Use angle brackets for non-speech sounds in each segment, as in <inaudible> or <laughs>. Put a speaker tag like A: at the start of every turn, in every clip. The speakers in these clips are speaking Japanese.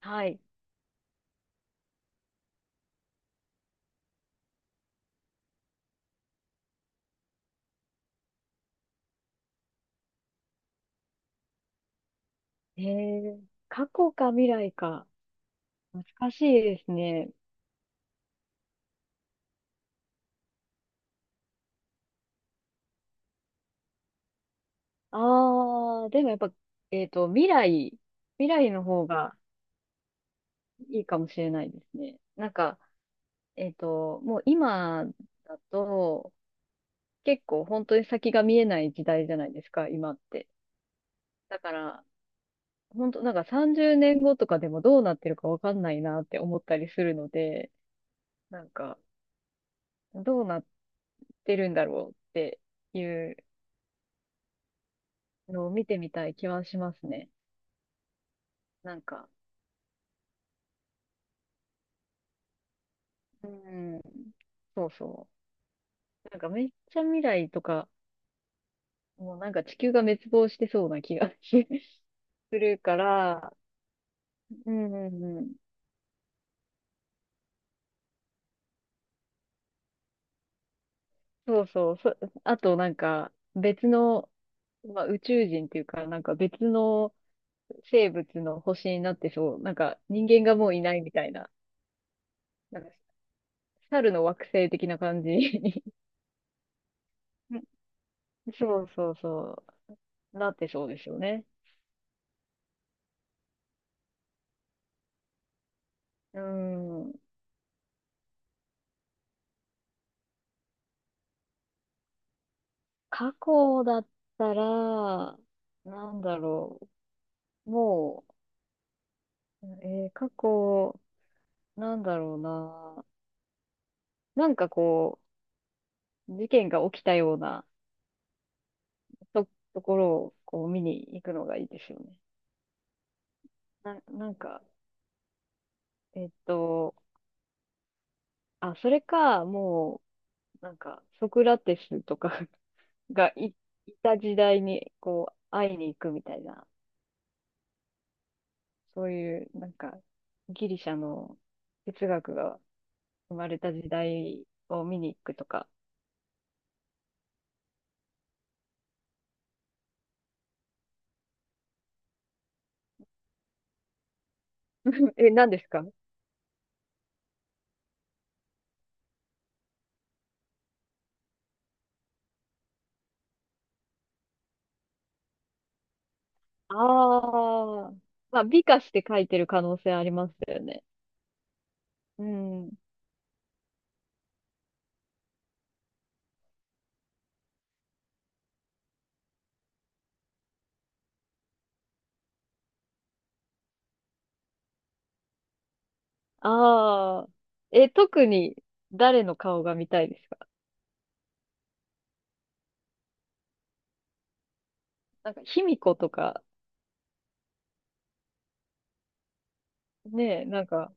A: はい。えー、過去か未来か。難しいですね。でもやっぱ、未来、未来の方がいいかもしれないですね。なんか、もう今だと、結構本当に先が見えない時代じゃないですか、今って。だから、本当なんか30年後とかでもどうなってるかわかんないなって思ったりするので、なんか、どうなってるんだろうっていうのを見てみたい気はしますね。なんか、うん。そうなんかめっちゃ未来とか、もうなんか地球が滅亡してそうな気が <laughs> するから、う。んうんうん。そう、あとなんか別の、まあ、宇宙人っていうか、なんか別の生物の星になってそう、なんか人間がもういないみたいな、なんか猿の惑星的な感じに <laughs> そうそうそなってそうですよね。うん。過去だったら、なんだろう。もう、えー過去、なんだろうな。なんかこう、事件が起きたようなと、ところをこう見に行くのがいいですよね。なんか、えっと、それか、なんか、ソクラテスとか <laughs> がい、いた時代に、こう、会いに行くみたいな、そういう、なんか、ギリシャの哲学が、生まれた時代を見に行くとか。<laughs> え、何ですか。ああ、まあ、美化して書いてる可能性ありますよね。うん。ああ、え、特に誰の顔が見たいですか。なんか、卑弥呼とか、ねえ、なんか、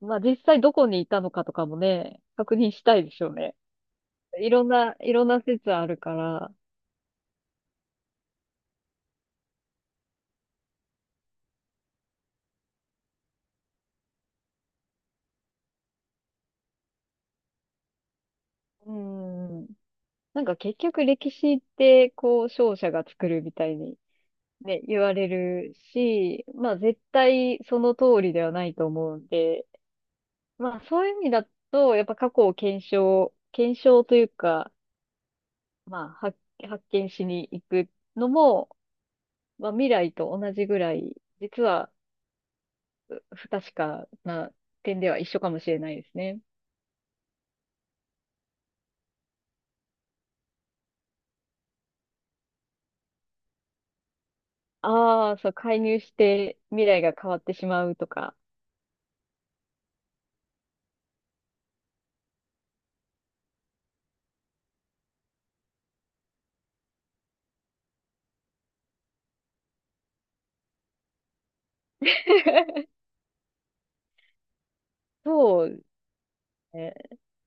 A: まあ、実際どこにいたのかとかもね、確認したいでしょうね。いろんな、いろんな説あるから、うん。なんか結局歴史って、こう、勝者が作るみたいにね、言われるし、まあ絶対その通りではないと思うんで、まあそういう意味だと、やっぱ過去を検証、検証というか、まあ、発見しに行くのも、まあ未来と同じぐらい、実は不確かな点では一緒かもしれないですね。ああ、そう、介入して未来が変わってしまうとか。<laughs> そうね。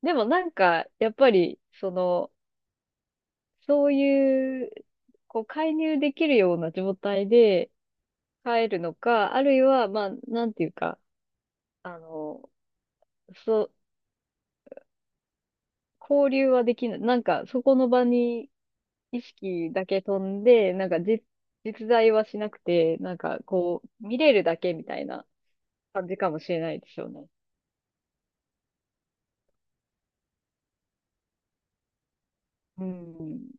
A: でもなんか、やっぱり、その、そういう、こう、介入できるような状態で帰るのか、あるいは、まあ、なんていうか、あの、そう、交流はできない。なんか、そこの場に意識だけ飛んで、なんか、実在はしなくて、なんか、こう、見れるだけみたいな感じかもしれないですよね。うん。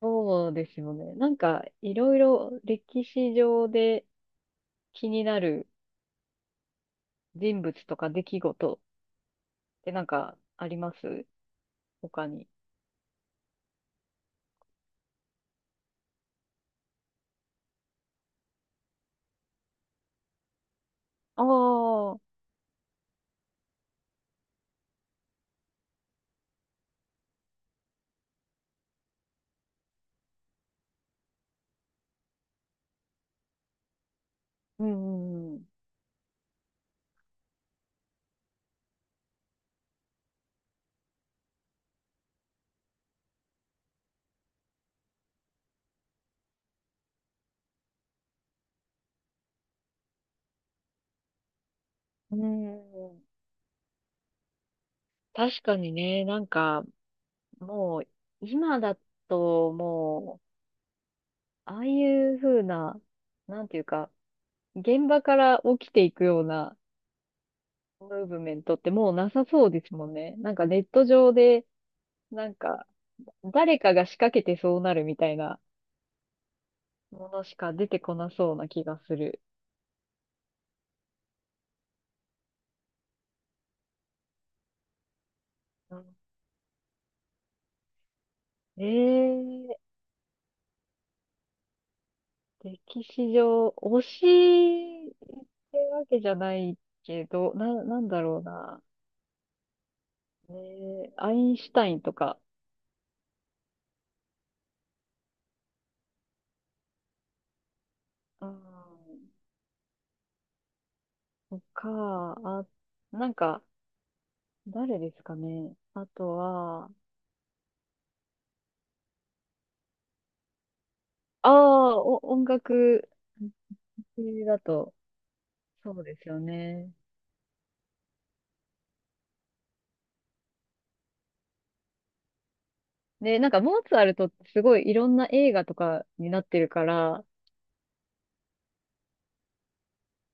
A: そうですよね。なんか、いろいろ歴史上で気になる人物とか出来事ってなんかあります他に。ああ、うんうんうん。うん。確かにね、なんか、もう、今だと、もう、ああいう風な、なんていうか、現場から起きていくようなムーブメントってもうなさそうですもんね。なんかネット上で、なんか、誰かが仕掛けてそうなるみたいなものしか出てこなそうな気がする。うん。ええ、歴史上、推しってわけじゃないけど、なんだろうな。ね、アインシュタインとか、うん、とか、あ、なんか、誰ですかね。あとは、ああ、お、音楽系だと、そうですよね。で、なんか、モーツァルトってすごいいろんな映画とかになってるから、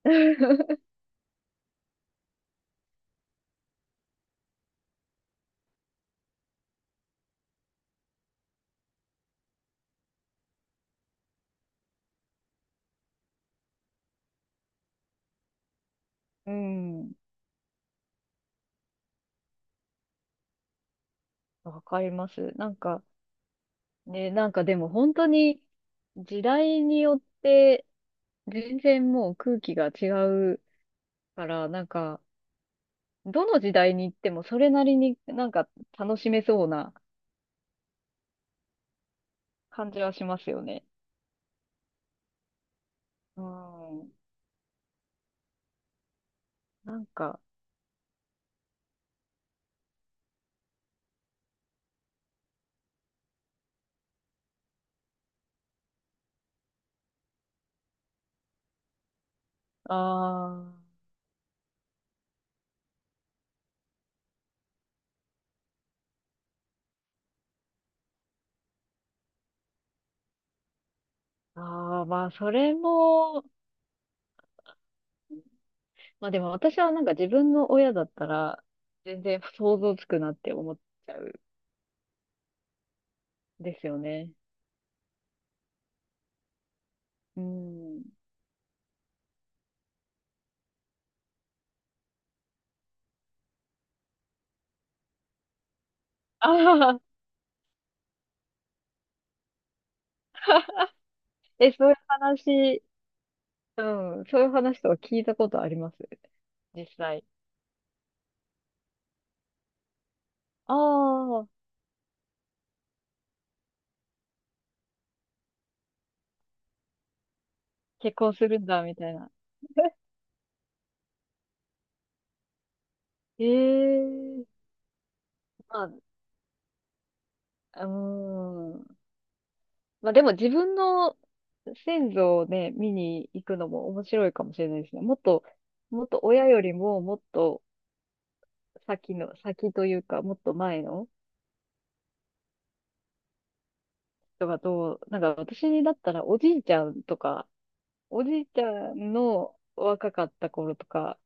A: <laughs> うん、わかります。なんか、ね、なんかでも本当に時代によって全然もう空気が違うから、なんかどの時代に行ってもそれなりになんか楽しめそうな感じはしますよね。うん。なんか、ああ、ああ、まあそれも、まあでも私はなんか自分の親だったら全然想像つくなって思っちゃうんですよね。うん。ああ、え、そういう話、うん、そういう話とか聞いたことあります実際。ああ、結婚するんだ、みたいな。<laughs> ええ。まあ、うーん。まあでも自分の先祖をね、見に行くのも面白いかもしれないですね。もっと、もっと親よりももっと先の、先というか、もっと前の人がどう、なんか私だったらおじいちゃんとか、おじいちゃんの若かった頃とか、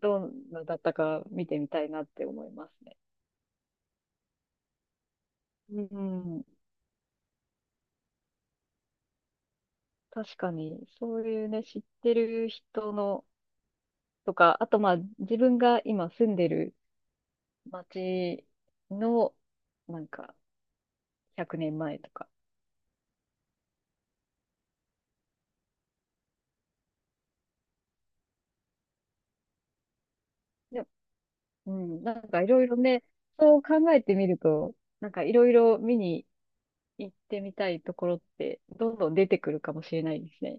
A: どんなだったか見てみたいなって思いますね。うん、確かに、そういうね、知ってる人のとか、あとまあ、自分が今住んでる町の、なんか、100年前とか。で、うん、なんかいろいろね、そう考えてみると、なんかいろいろ見に行ってみたいところって、どんどん出てくるかもしれないですね。